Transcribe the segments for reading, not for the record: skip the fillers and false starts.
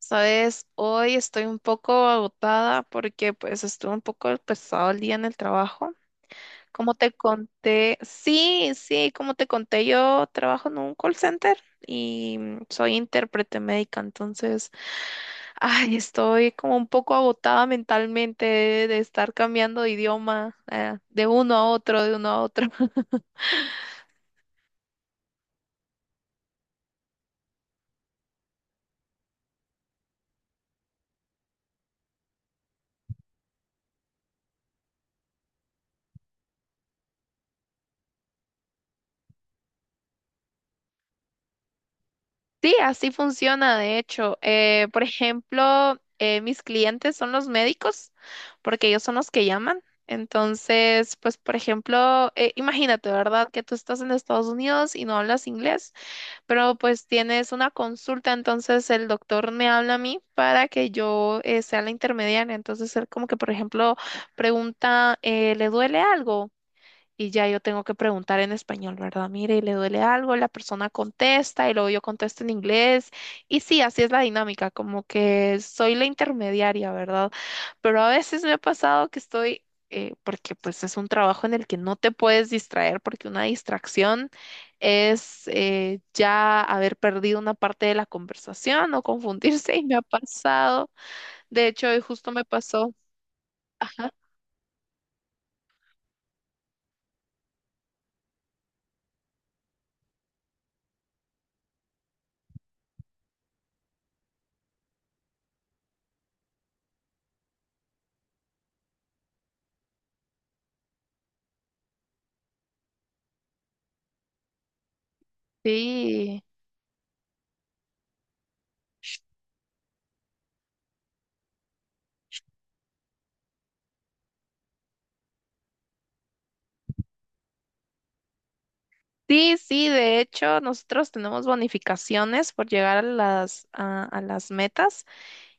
Sabes, hoy estoy un poco agotada porque pues estuve un poco pesado el día en el trabajo. Como te conté, sí, sí, como te conté, yo trabajo en un call center y soy intérprete médica, entonces, ay, estoy como un poco agotada mentalmente de estar cambiando de idioma, de uno a otro, de uno a otro. Sí, así funciona, de hecho. Por ejemplo, mis clientes son los médicos, porque ellos son los que llaman. Entonces, pues, por ejemplo, imagínate, ¿verdad? Que tú estás en Estados Unidos y no hablas inglés, pero pues tienes una consulta, entonces el doctor me habla a mí para que yo sea la intermediaria. Entonces, él como que, por ejemplo, pregunta, ¿le duele algo? Y ya yo tengo que preguntar en español, ¿verdad? Mire, y le duele algo, la persona contesta y luego yo contesto en inglés. Y sí, así es la dinámica, como que soy la intermediaria, ¿verdad? Pero a veces me ha pasado que estoy, porque pues es un trabajo en el que no te puedes distraer, porque una distracción es ya haber perdido una parte de la conversación o confundirse y me ha pasado. De hecho, hoy justo me pasó. Ajá. Sí. Sí, sí, de hecho, nosotros tenemos bonificaciones por llegar a las metas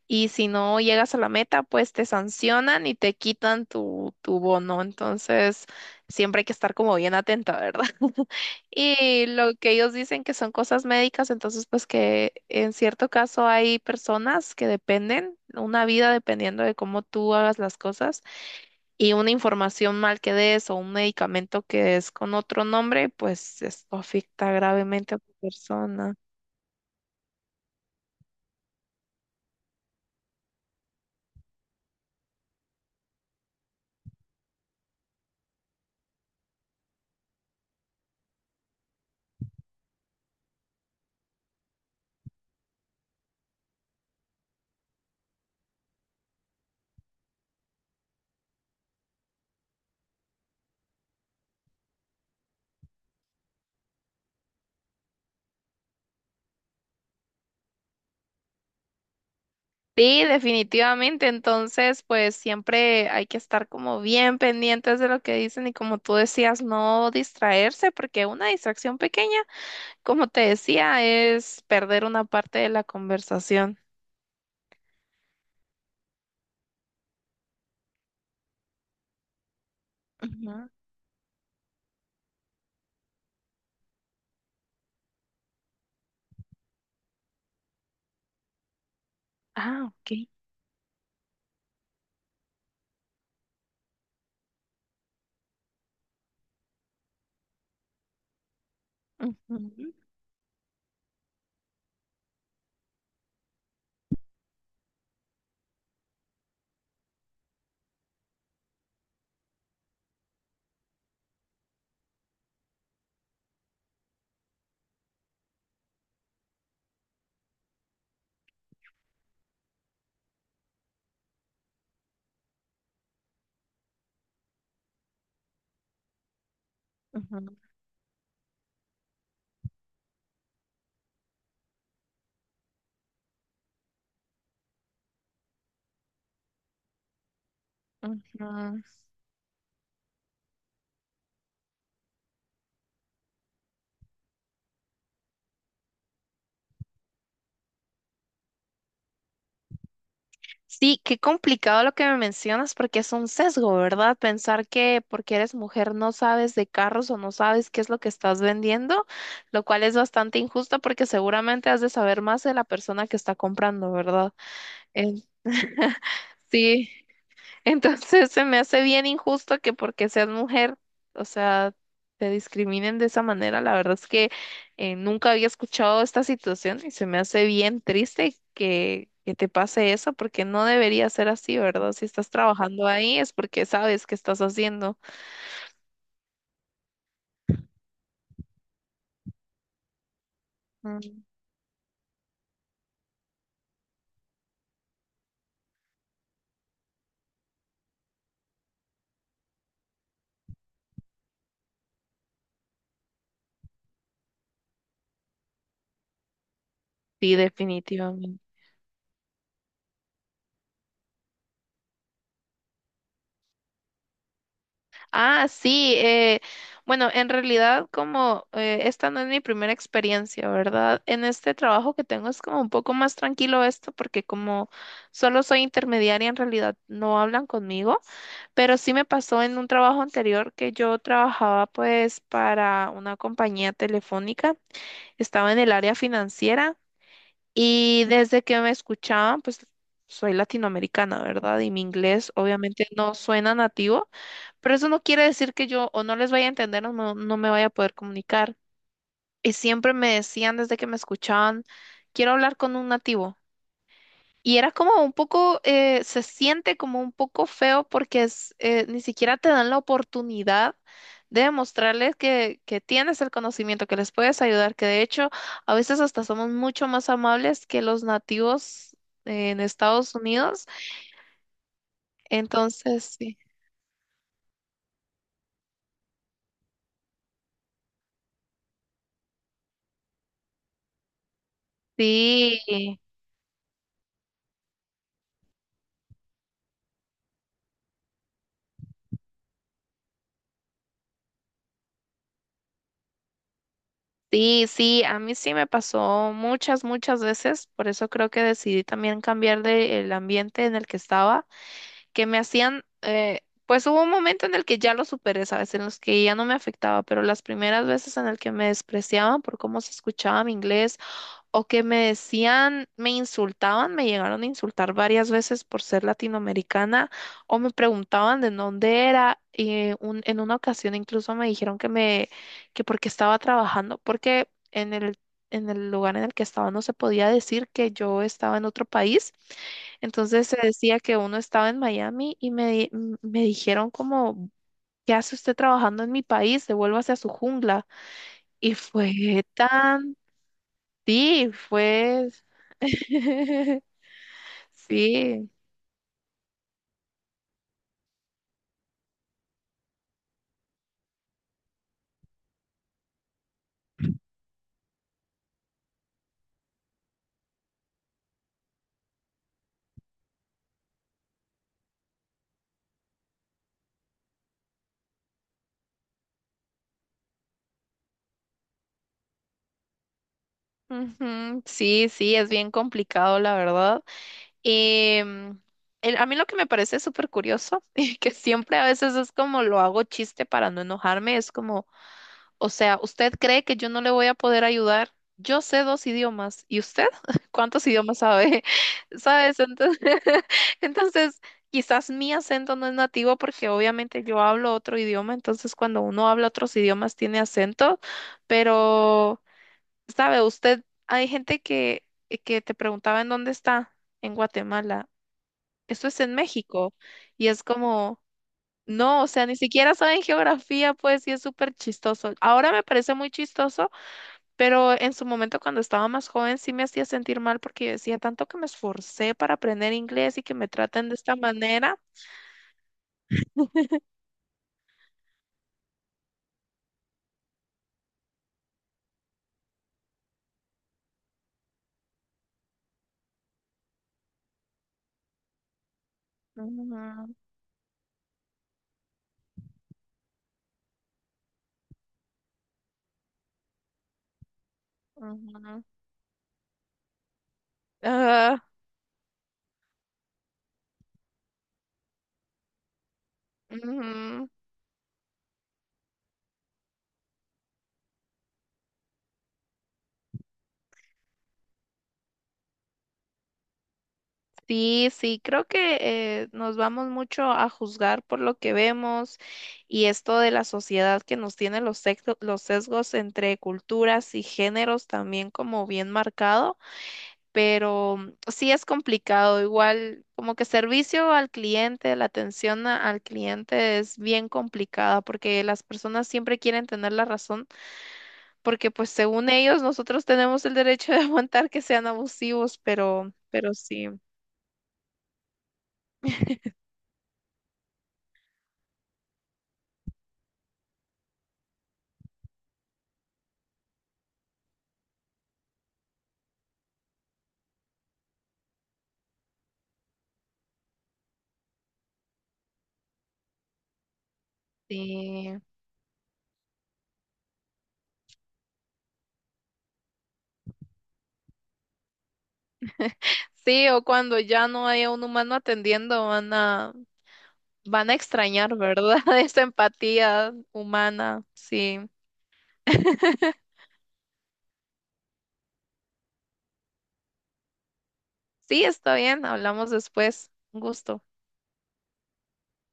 y si no llegas a la meta, pues te sancionan y te quitan tu bono. Entonces, siempre hay que estar como bien atenta, ¿verdad? Y lo que ellos dicen que son cosas médicas, entonces, pues que en cierto caso hay personas que dependen, una vida dependiendo de cómo tú hagas las cosas y una información mal que des o un medicamento que des con otro nombre, pues esto afecta gravemente a tu persona. Sí, definitivamente. Entonces, pues siempre hay que estar como bien pendientes de lo que dicen y como tú decías, no distraerse, porque una distracción pequeña, como te decía, es perder una parte de la conversación. Ujú. Ah, ok. Ujú, ujú, ujú. Sí, qué complicado lo que me mencionas porque es un sesgo, ¿verdad? Pensar que porque eres mujer no sabes de carros o no sabes qué es lo que estás vendiendo, lo cual es bastante injusto porque seguramente has de saber más de la persona que está comprando, ¿verdad? En- Sí. Entonces se me hace bien injusto que porque seas mujer, o sea, te discriminen de esa manera. La verdad es que nunca había escuchado esta situación y se me hace bien triste que te pase eso porque no debería ser así, ¿verdad? Si estás trabajando ahí es porque sabes qué estás haciendo. Mm. Sí, definitivamente. Ah, sí. Bueno, en realidad como esta no es mi primera experiencia, ¿verdad? En este trabajo que tengo es como un poco más tranquilo esto porque como solo soy intermediaria, en realidad no hablan conmigo, pero sí me pasó en un trabajo anterior que yo trabajaba pues para una compañía telefónica, estaba en el área financiera y desde que me escuchaban pues soy latinoamericana, ¿verdad? Y mi inglés obviamente no suena nativo. Pero eso no quiere decir que yo o no les vaya a entender o no me vaya a poder comunicar. Y siempre me decían desde que me escuchaban, quiero hablar con un nativo. Y era como un poco, se siente como un poco feo porque es, ni siquiera te dan la oportunidad de demostrarles que tienes el conocimiento, que les puedes ayudar, que de hecho a veces hasta somos mucho más amables que los nativos, en Estados Unidos. Entonces, sí. Sí. Sí, sí, a mí sí me pasó muchas, muchas veces, por eso creo que decidí también cambiar de el ambiente en el que estaba que me hacían, pues hubo un momento en el que ya lo superé, ¿sabes? En los que ya no me afectaba, pero las primeras veces en el que me despreciaban por cómo se escuchaba mi inglés o que me decían, me insultaban, me llegaron a insultar varias veces por ser latinoamericana o me preguntaban de dónde era. Y en una ocasión incluso me dijeron que me, que porque estaba trabajando, porque en en el lugar en el que estaba no se podía decir que yo estaba en otro país. Entonces se decía que uno estaba en Miami y me, me dijeron como, ¿qué hace usted trabajando en mi país? Devuélvase a su jungla. Y fue tan, sí, fue, sí, ujú, sí, sí, es bien complicado, la verdad. Y a mí lo que me parece súper curioso y que siempre a veces es como lo hago chiste para no enojarme, es como... O sea, ¿usted cree que yo no le voy a poder ayudar? Yo sé dos idiomas. ¿Y usted? ¿Cuántos idiomas sabe? ¿Sabes? Entonces, entonces, quizás mi acento no es nativo porque obviamente yo hablo otro idioma. Entonces, cuando uno habla otros idiomas tiene acento. Pero, ¿sabe? Usted, hay gente que te preguntaba en dónde está, en Guatemala. Esto es en México. Y es como... No, o sea, ni siquiera saben geografía, pues, y es súper chistoso. Ahora me parece muy chistoso, pero en su momento cuando estaba más joven sí me hacía sentir mal porque yo decía tanto que me esforcé para aprender inglés y que me traten de esta manera. Ujú, ujú. Ah, ujú. Sí, sí, creo que nos vamos mucho a juzgar por lo que vemos y esto de la sociedad que nos tiene los sesgos entre culturas y géneros también como bien marcado. Pero sí es complicado. Igual, como que servicio al cliente, al cliente es bien complicada porque las personas siempre quieren tener la razón, porque pues según ellos nosotros tenemos el derecho de aguantar que sean abusivos, pero sí. Sí, sí, o cuando ya no haya un humano atendiendo, van a, van a extrañar, ¿verdad? Esa empatía humana. Sí, sí, está bien, hablamos después. Un gusto.